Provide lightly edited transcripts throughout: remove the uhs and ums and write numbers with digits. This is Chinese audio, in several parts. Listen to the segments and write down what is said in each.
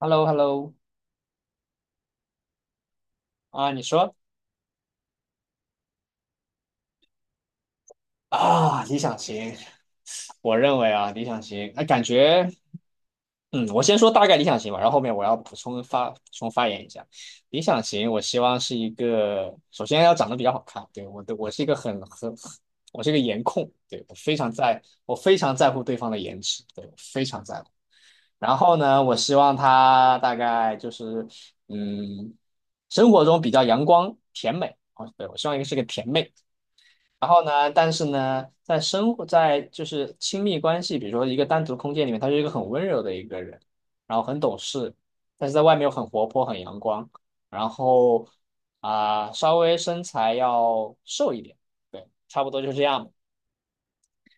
Hello Hello。 啊，你说。啊，理想型。我认为啊，理想型，那感觉。嗯，我先说大概理想型吧，然后后面我要补充发言一下。理想型，我希望是一个，首先要长得比较好看。对，我是一个很，我是一个颜控。对，我非常在乎对方的颜值。对，我非常在乎。然后呢，我希望他大概就是，嗯，生活中比较阳光甜美。哦，对，我希望一个是个甜妹。然后呢，但是呢，在生活在就是亲密关系，比如说一个单独空间里面，他是一个很温柔的一个人，然后很懂事，但是在外面又很活泼、很阳光，然后稍微身材要瘦一点。对，差不多就是这样吧。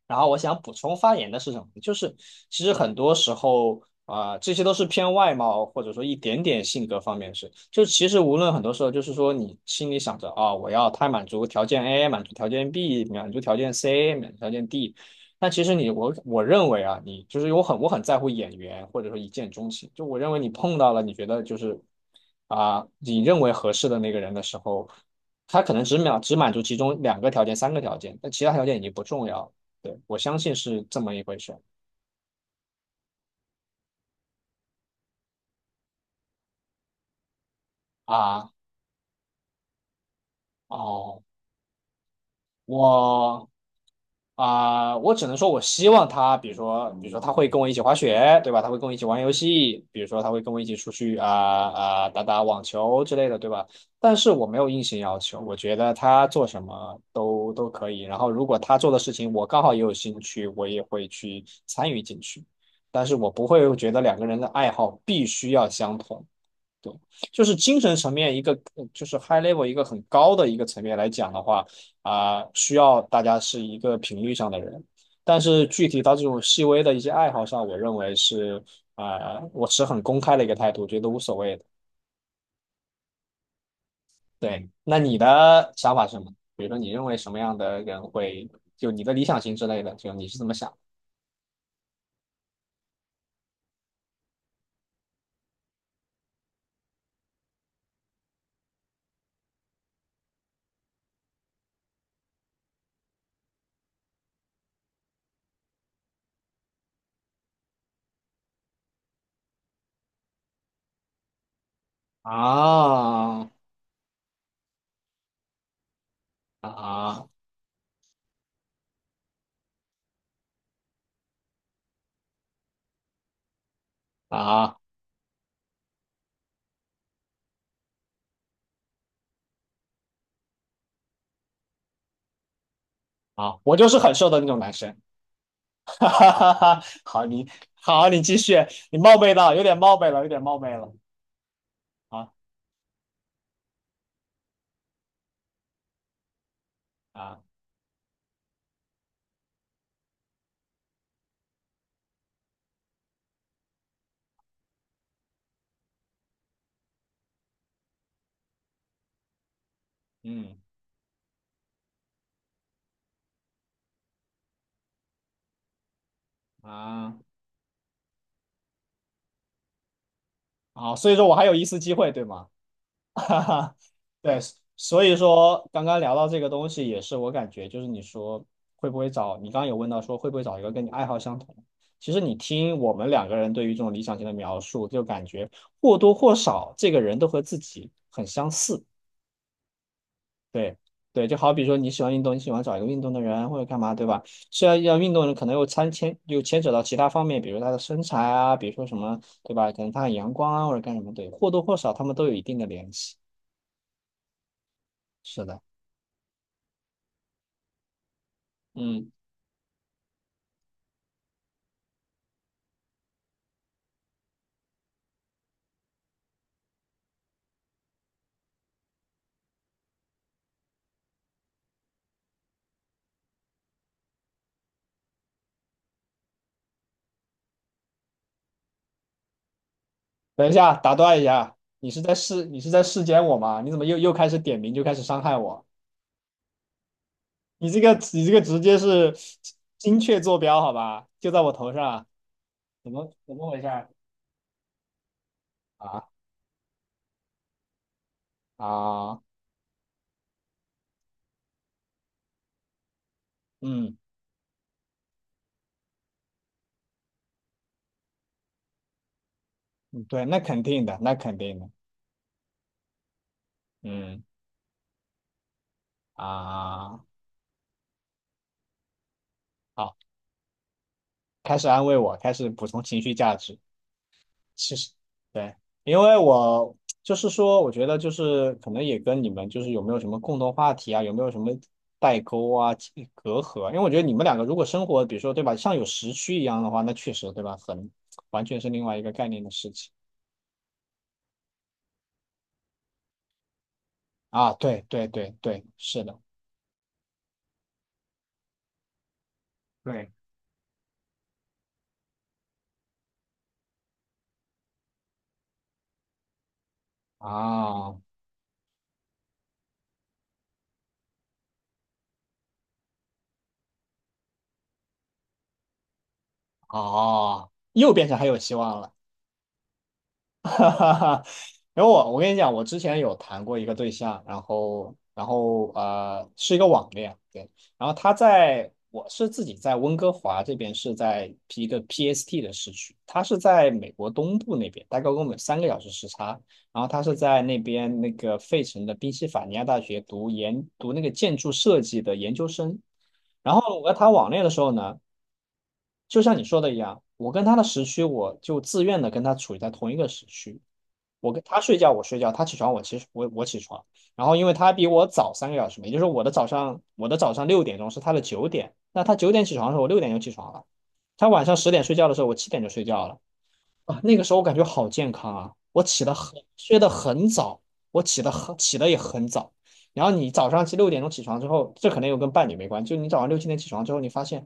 然后我想补充发言的是什么？就是其实很多时候啊、这些都是偏外貌或者说一点点性格方面的事。就其实无论很多时候，就是说你心里想着啊、我要他满足条件 A，满足条件 B，满足条件 C，满足条件 D。但其实我认为啊，你就是我很在乎眼缘或者说一见钟情。就我认为你碰到了你觉得就是啊、你认为合适的那个人的时候，他可能只满足其中两个条件、三个条件，但其他条件已经不重要了。对，我相信是这么一回事啊。哦，我我只能说，我希望他，比如说，比如说他会跟我一起滑雪，对吧？他会跟我一起玩游戏，比如说他会跟我一起出去打打网球之类的，对吧？但是我没有硬性要求，我觉得他做什么都可以。然后如果他做的事情我刚好也有兴趣，我也会去参与进去。但是我不会觉得两个人的爱好必须要相同。对，就是精神层面一个，就是 high level 一个很高的一个层面来讲的话，需要大家是一个频率上的人。但是具体到这种细微的一些爱好上，我认为是啊、我持很公开的一个态度，觉得无所谓的。对，那你的想法是什么？比如说，你认为什么样的人会，就你的理想型之类的，就你是怎么想？啊啊啊！啊，我就是很瘦的那种男生。哈哈哈哈，好，你继续。你冒昧了，有点冒昧了，有点冒昧了。啊啊，嗯啊，好，所以说我还有一丝机会，对吗？哈哈。对，所以说刚刚聊到这个东西，也是我感觉就是你说会不会找，你刚刚有问到说会不会找一个跟你爱好相同。其实你听我们两个人对于这种理想型的描述，就感觉或多或少这个人都和自己很相似。对对，就好比说你喜欢运动，你喜欢找一个运动的人或者干嘛，对吧？虽然要运动的人，可能又牵扯到其他方面，比如他的身材啊，比如说什么，对吧？可能他很阳光啊，或者干什么，对，或多或少他们都有一定的联系。是的。嗯，等一下，打断一下，你是在试检我吗？你怎么又开始点名就开始伤害我？你这个直接是精确坐标，好吧？就在我头上。怎么回事儿啊？啊，嗯嗯对，那肯定的，那肯定的。嗯啊，好，开始安慰我，开始补充情绪价值。其实，对，因为我就是说，我觉得就是可能也跟你们就是有没有什么共同话题啊，有没有什么代沟啊、其隔阂啊？因为我觉得你们两个如果生活，比如说对吧，像有时区一样的话，那确实对吧，完全是另外一个概念的事情啊。对对对对，是的，对啊。哦，又变成还有希望了。哈哈哈。然后我跟你讲，我之前有谈过一个对象，然后是一个网恋。对，然后我是自己在温哥华这边是在一个 PST 的市区，他是在美国东部那边，大概跟我们三个小时时差。然后他是在那边那个费城的宾夕法尼亚大学读那个建筑设计的研究生。然后我和他网恋的时候呢。就像你说的一样，我跟他的时区，我就自愿的跟他处于在同一个时区。我跟他睡觉，我睡觉；他起床，我其实我我起床。然后因为他比我早三个小时嘛，也就是说我的早上六点钟是他的九点，那他九点起床的时候，我六点就起床了；他晚上10点睡觉的时候，我七点就睡觉了。啊，那个时候我感觉好健康啊！我起得很，睡得很早，我起得很，起得也很早。然后你早上六点钟起床之后，这可能又跟伴侣没关系。就你早上六七点起床之后，你发现，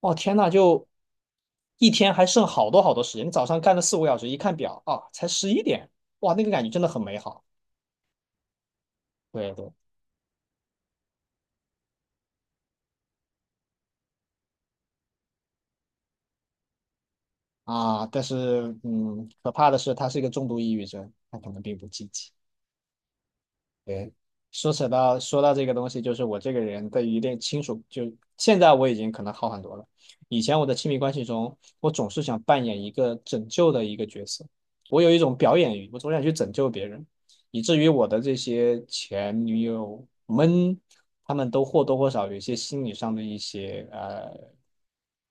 哦天呐，就一天还剩好多好多时间。你早上干了四五个小时，一看表啊，才11点。哇，那个感觉真的很美好。对对啊，但是嗯，可怕的是他是一个重度抑郁症，他可能并不积极。对，说到这个东西，就是我这个人对于一定亲属，就现在我已经可能好很多了。以前我的亲密关系中，我总是想扮演一个拯救的一个角色，我有一种表演欲，我总想去拯救别人，以至于我的这些前女友们，她们都或多或少有一些心理上的一些呃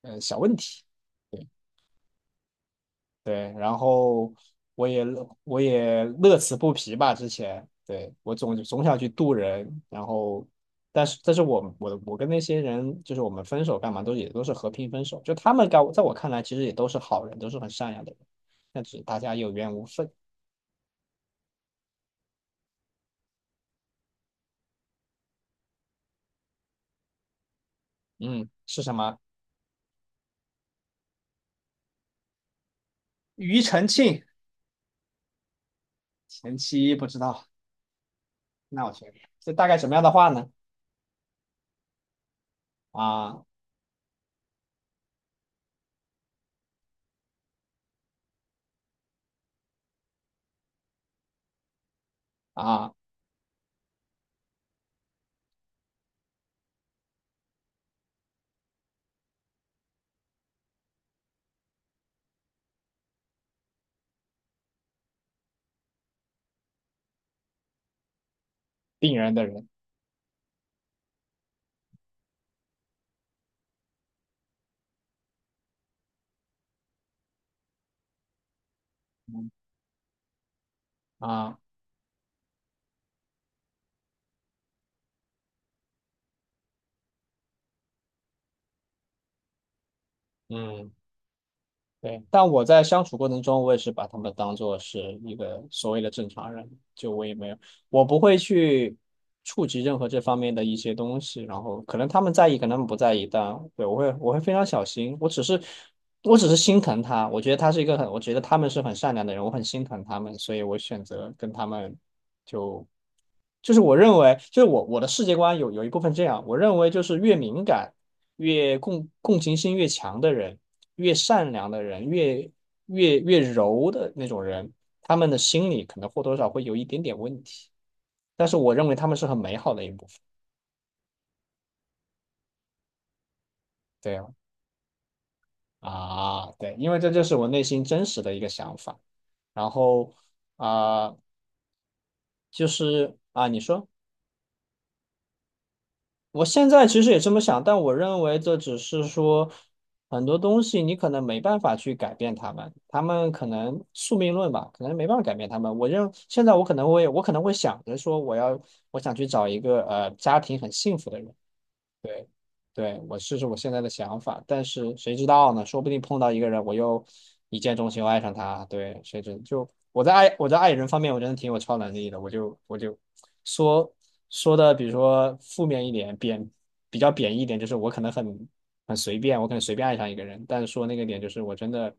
呃小问题。对。对，然后我也乐此不疲吧。之前对，我总想去渡人。然后但是我跟那些人就是我们分手干嘛都也都是和平分手。就他们在我看来其实也都是好人，都是很善良的人，但只是大家有缘无分。嗯，是什么？庾澄庆。前妻不知道，那我先。这大概什么样的话呢？啊啊，病人的人，嗯啊嗯。对，但我在相处过程中，我也是把他们当做是一个所谓的正常人。就我也没有，我不会去触及任何这方面的一些东西。然后可能他们在意，可能他们不在意，但对，我会非常小心。我只是心疼他，我觉得他是一个很，我觉得他们是很善良的人，我很心疼他们。所以我选择跟他们就是我认为，就是我的世界观有一部分这样。我认为就是越敏感、越共情心越强的人。越善良的人，越柔的那种人，他们的心理可能或多少会有一点点问题，但是我认为他们是很美好的一部分。对啊。啊，对，因为这就是我内心真实的一个想法。然后啊、就是啊，你说。我现在其实也这么想，但我认为这只是说很多东西你可能没办法去改变他们，他们可能宿命论吧，可能没办法改变他们。现在我可能会想着说我想去找一个家庭很幸福的人。对。对，我试试我现在的想法，但是谁知道呢？说不定碰到一个人，我又一见钟情，我爱上他。对，谁知就我在爱人方面，我真的挺有超能力的。我就说说的，比如说负面一点，比较贬义一点，就是我可能很随便，我可能随便爱上一个人。但是说那个点，就是我真的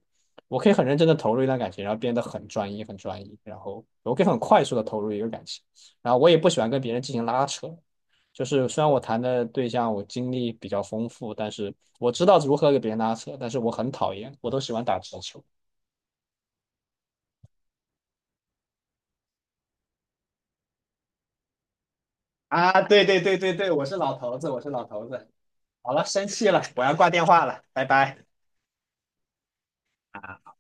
我可以很认真的投入一段感情，然后变得很专一，很专一，然后我可以很快速的投入一个感情。然后我也不喜欢跟别人进行拉扯。就是虽然我谈的对象我经历比较丰富，但是我知道如何给别人拉扯，但是我很讨厌，我都喜欢打直球。啊，对对对对对，我是老头子，我是老头子。好了，生气了，我要挂电话了，拜拜。啊！